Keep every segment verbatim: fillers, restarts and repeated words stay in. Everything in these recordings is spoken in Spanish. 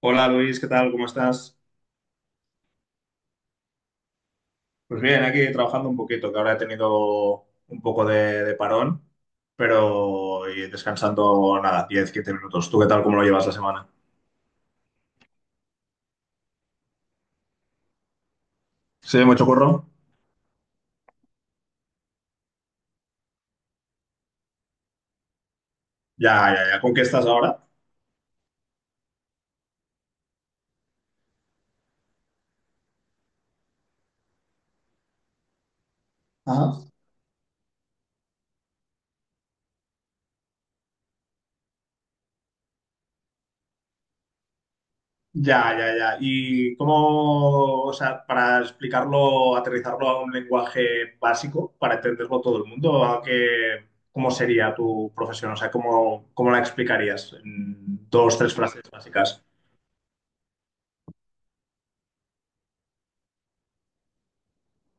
Hola Luis, ¿qué tal? ¿Cómo estás? Pues bien, aquí trabajando un poquito, que ahora he tenido un poco de, de parón, pero y descansando nada, diez quince minutos. ¿Tú qué tal? ¿Cómo lo llevas la semana? Sí, mucho curro. Ya, ya, ya. ¿Con qué estás ahora? Ajá. Ya, ya, ya. ¿Y cómo, o sea, para explicarlo, aterrizarlo a un lenguaje básico, para entenderlo todo el mundo, ¿a qué- cómo sería tu profesión? O sea, ¿cómo, cómo la explicarías en dos, tres frases básicas?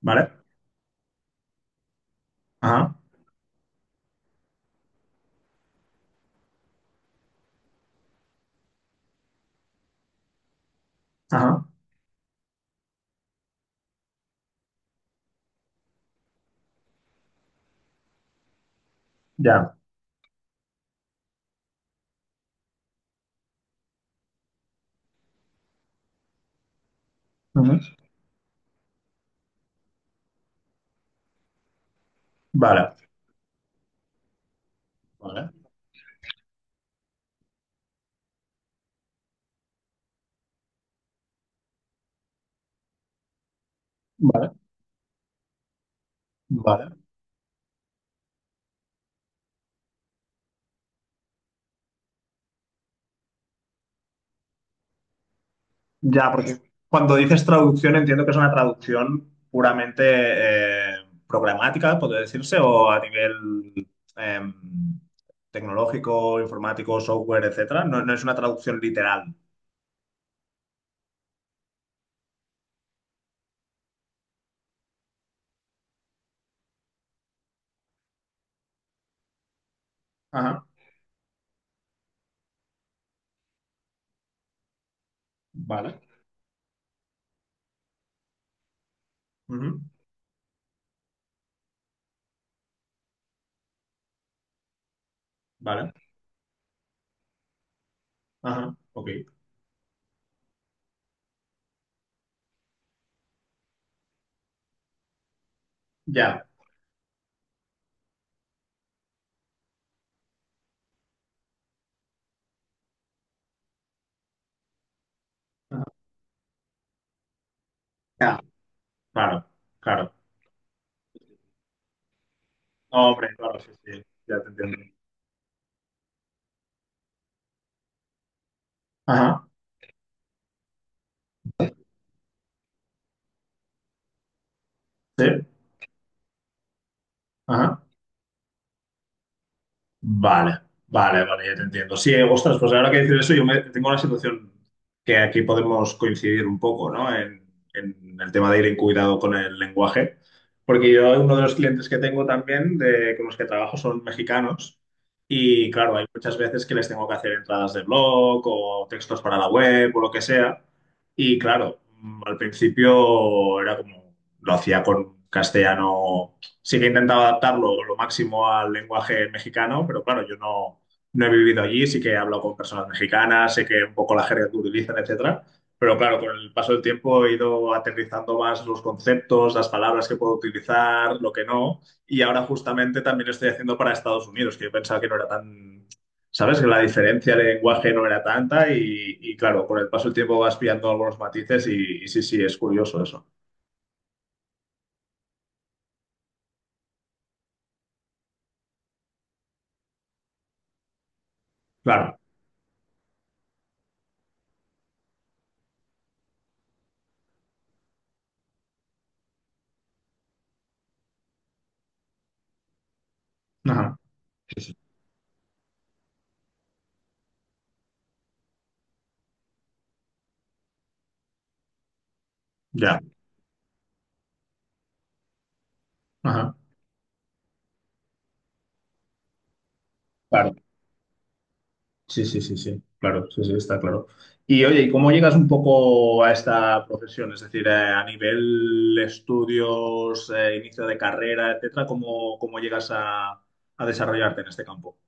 ¿Vale? Ajá. Ajá, ya. Ujú. Vale, vale, vale, vale. Ya, porque cuando dices traducción entiendo que es una traducción puramente eh, programática, podría decirse, o a nivel em, tecnológico, informático, software, etcétera. No, no es una traducción literal. Ajá, vale. Ujú. Vale, ajá, ok. Ya. Ajá. Ya. Claro, claro. Hombre, claro, sí, sí, ya te entiendo. Ajá, sí, ajá. Vale, vale, vale, ya te entiendo. Sí, eh, ostras, pues ahora que dices eso, yo me, tengo una situación que aquí podemos coincidir un poco, ¿no? En, en el tema de ir en cuidado con el lenguaje, porque yo uno de los clientes que tengo también, de, con los que trabajo, son mexicanos y claro, hay muchas veces que les tengo que hacer entradas de blog o textos para la web o lo que sea. Y claro, mm, al principio era como, lo hacía con castellano sí que he intentado adaptarlo lo máximo al lenguaje mexicano, pero claro, yo no, no he vivido allí, sí que he hablado con personas mexicanas, sé que un poco la jerga que utilizan, etcétera. Pero claro, con el paso del tiempo he ido aterrizando más los conceptos, las palabras que puedo utilizar, lo que no. Y ahora justamente también lo estoy haciendo para Estados Unidos, que yo pensaba que no era tan, ¿sabes? Que la diferencia de lenguaje no era tanta y, y claro, con el paso del tiempo vas pillando algunos matices y, y sí, sí, es curioso eso. Claro, ajá, sí, sí. Ya, ajá. Claro. Sí, sí, sí, sí, claro, sí, sí, está claro. Y oye, ¿y cómo llegas un poco a esta profesión? Es decir, eh, a nivel estudios, eh, inicio de carrera, etcétera, ¿cómo, cómo llegas a, a desarrollarte en este campo?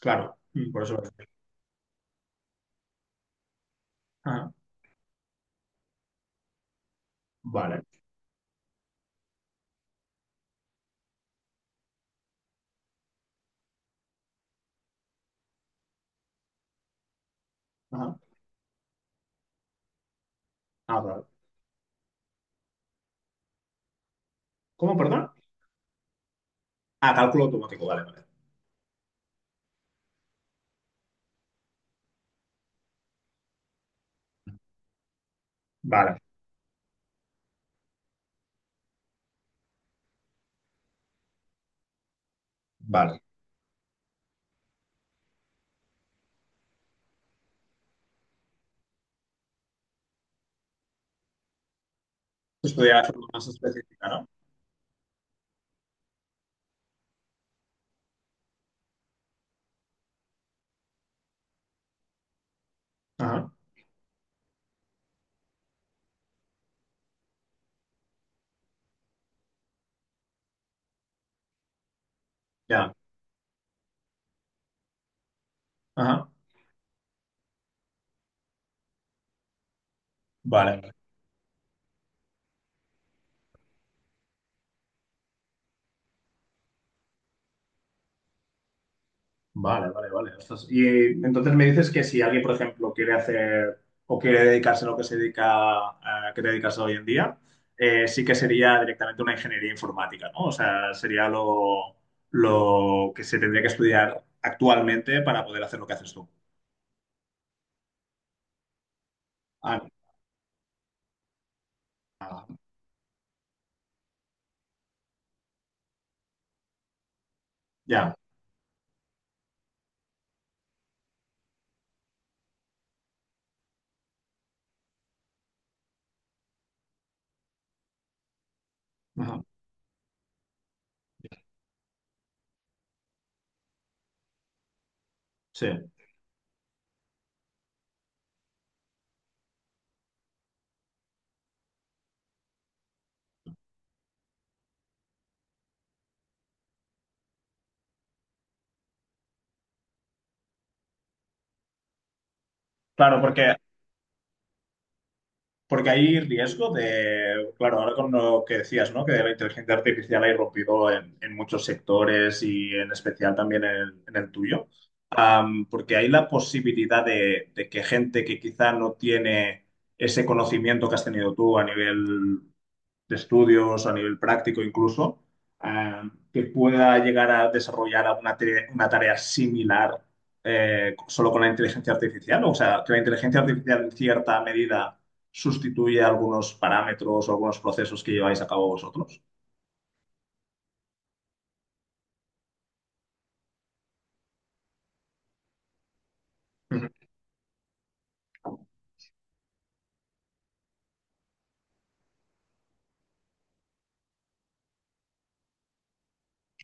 Claro, mm, por eso. Ajá, vale. Ajá. Ah, vale. ¿Cómo, perdón? Ah, cálculo automático, vale, vale. Vale, vale. Estudiar de forma más específica, ¿no? Ajá, ya. Ajá, vale. Vale, vale, vale. Ostras. Y eh, entonces me dices que si alguien, por ejemplo, quiere hacer o quiere dedicarse a lo que se dedica, eh, que te dedicas hoy en día, eh, sí que sería directamente una ingeniería informática, ¿no? O sea, sería lo, lo que se tendría que estudiar actualmente para poder hacer lo que haces tú. Ah, ya. Ajá. Sí. Claro, porque Porque hay riesgo de, claro, ahora con lo que decías, ¿no? Que la inteligencia artificial ha irrumpido en, en muchos sectores y en especial también en el, en el tuyo. Am, porque hay la posibilidad de, de que gente que quizá no tiene ese conocimiento que has tenido tú a nivel de estudios, a nivel práctico incluso, eh, que pueda llegar a desarrollar alguna te- una tarea similar, eh, solo con la inteligencia artificial. O sea, que la inteligencia artificial en cierta medida sustituye algunos parámetros o algunos procesos que lleváis a cabo vosotros. Ujú.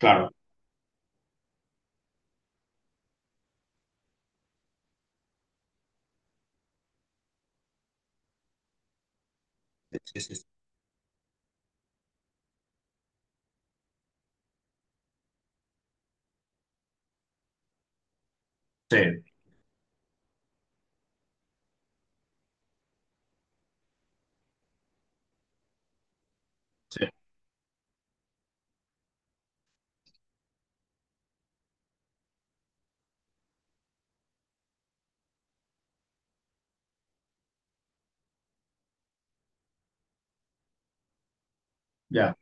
Claro, sí, sí. Ya.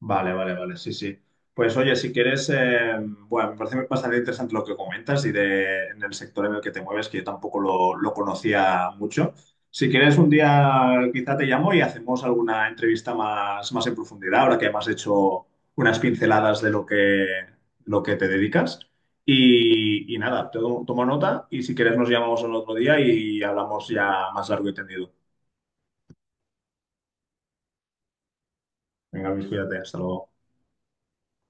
Vale, vale, vale, sí, sí. Pues oye, si quieres, eh, bueno, me parece bastante interesante lo que comentas y de, en el sector en el que te mueves, que yo tampoco lo, lo conocía mucho. Si quieres, un día quizá te llamo y hacemos alguna entrevista más, más en profundidad, ahora que me has hecho unas pinceladas de lo que, lo que te dedicas. Y, y nada, to- tomo nota y si quieres nos llamamos en otro día y hablamos ya más largo y tendido. Venga, Luis, cuídate, hasta luego.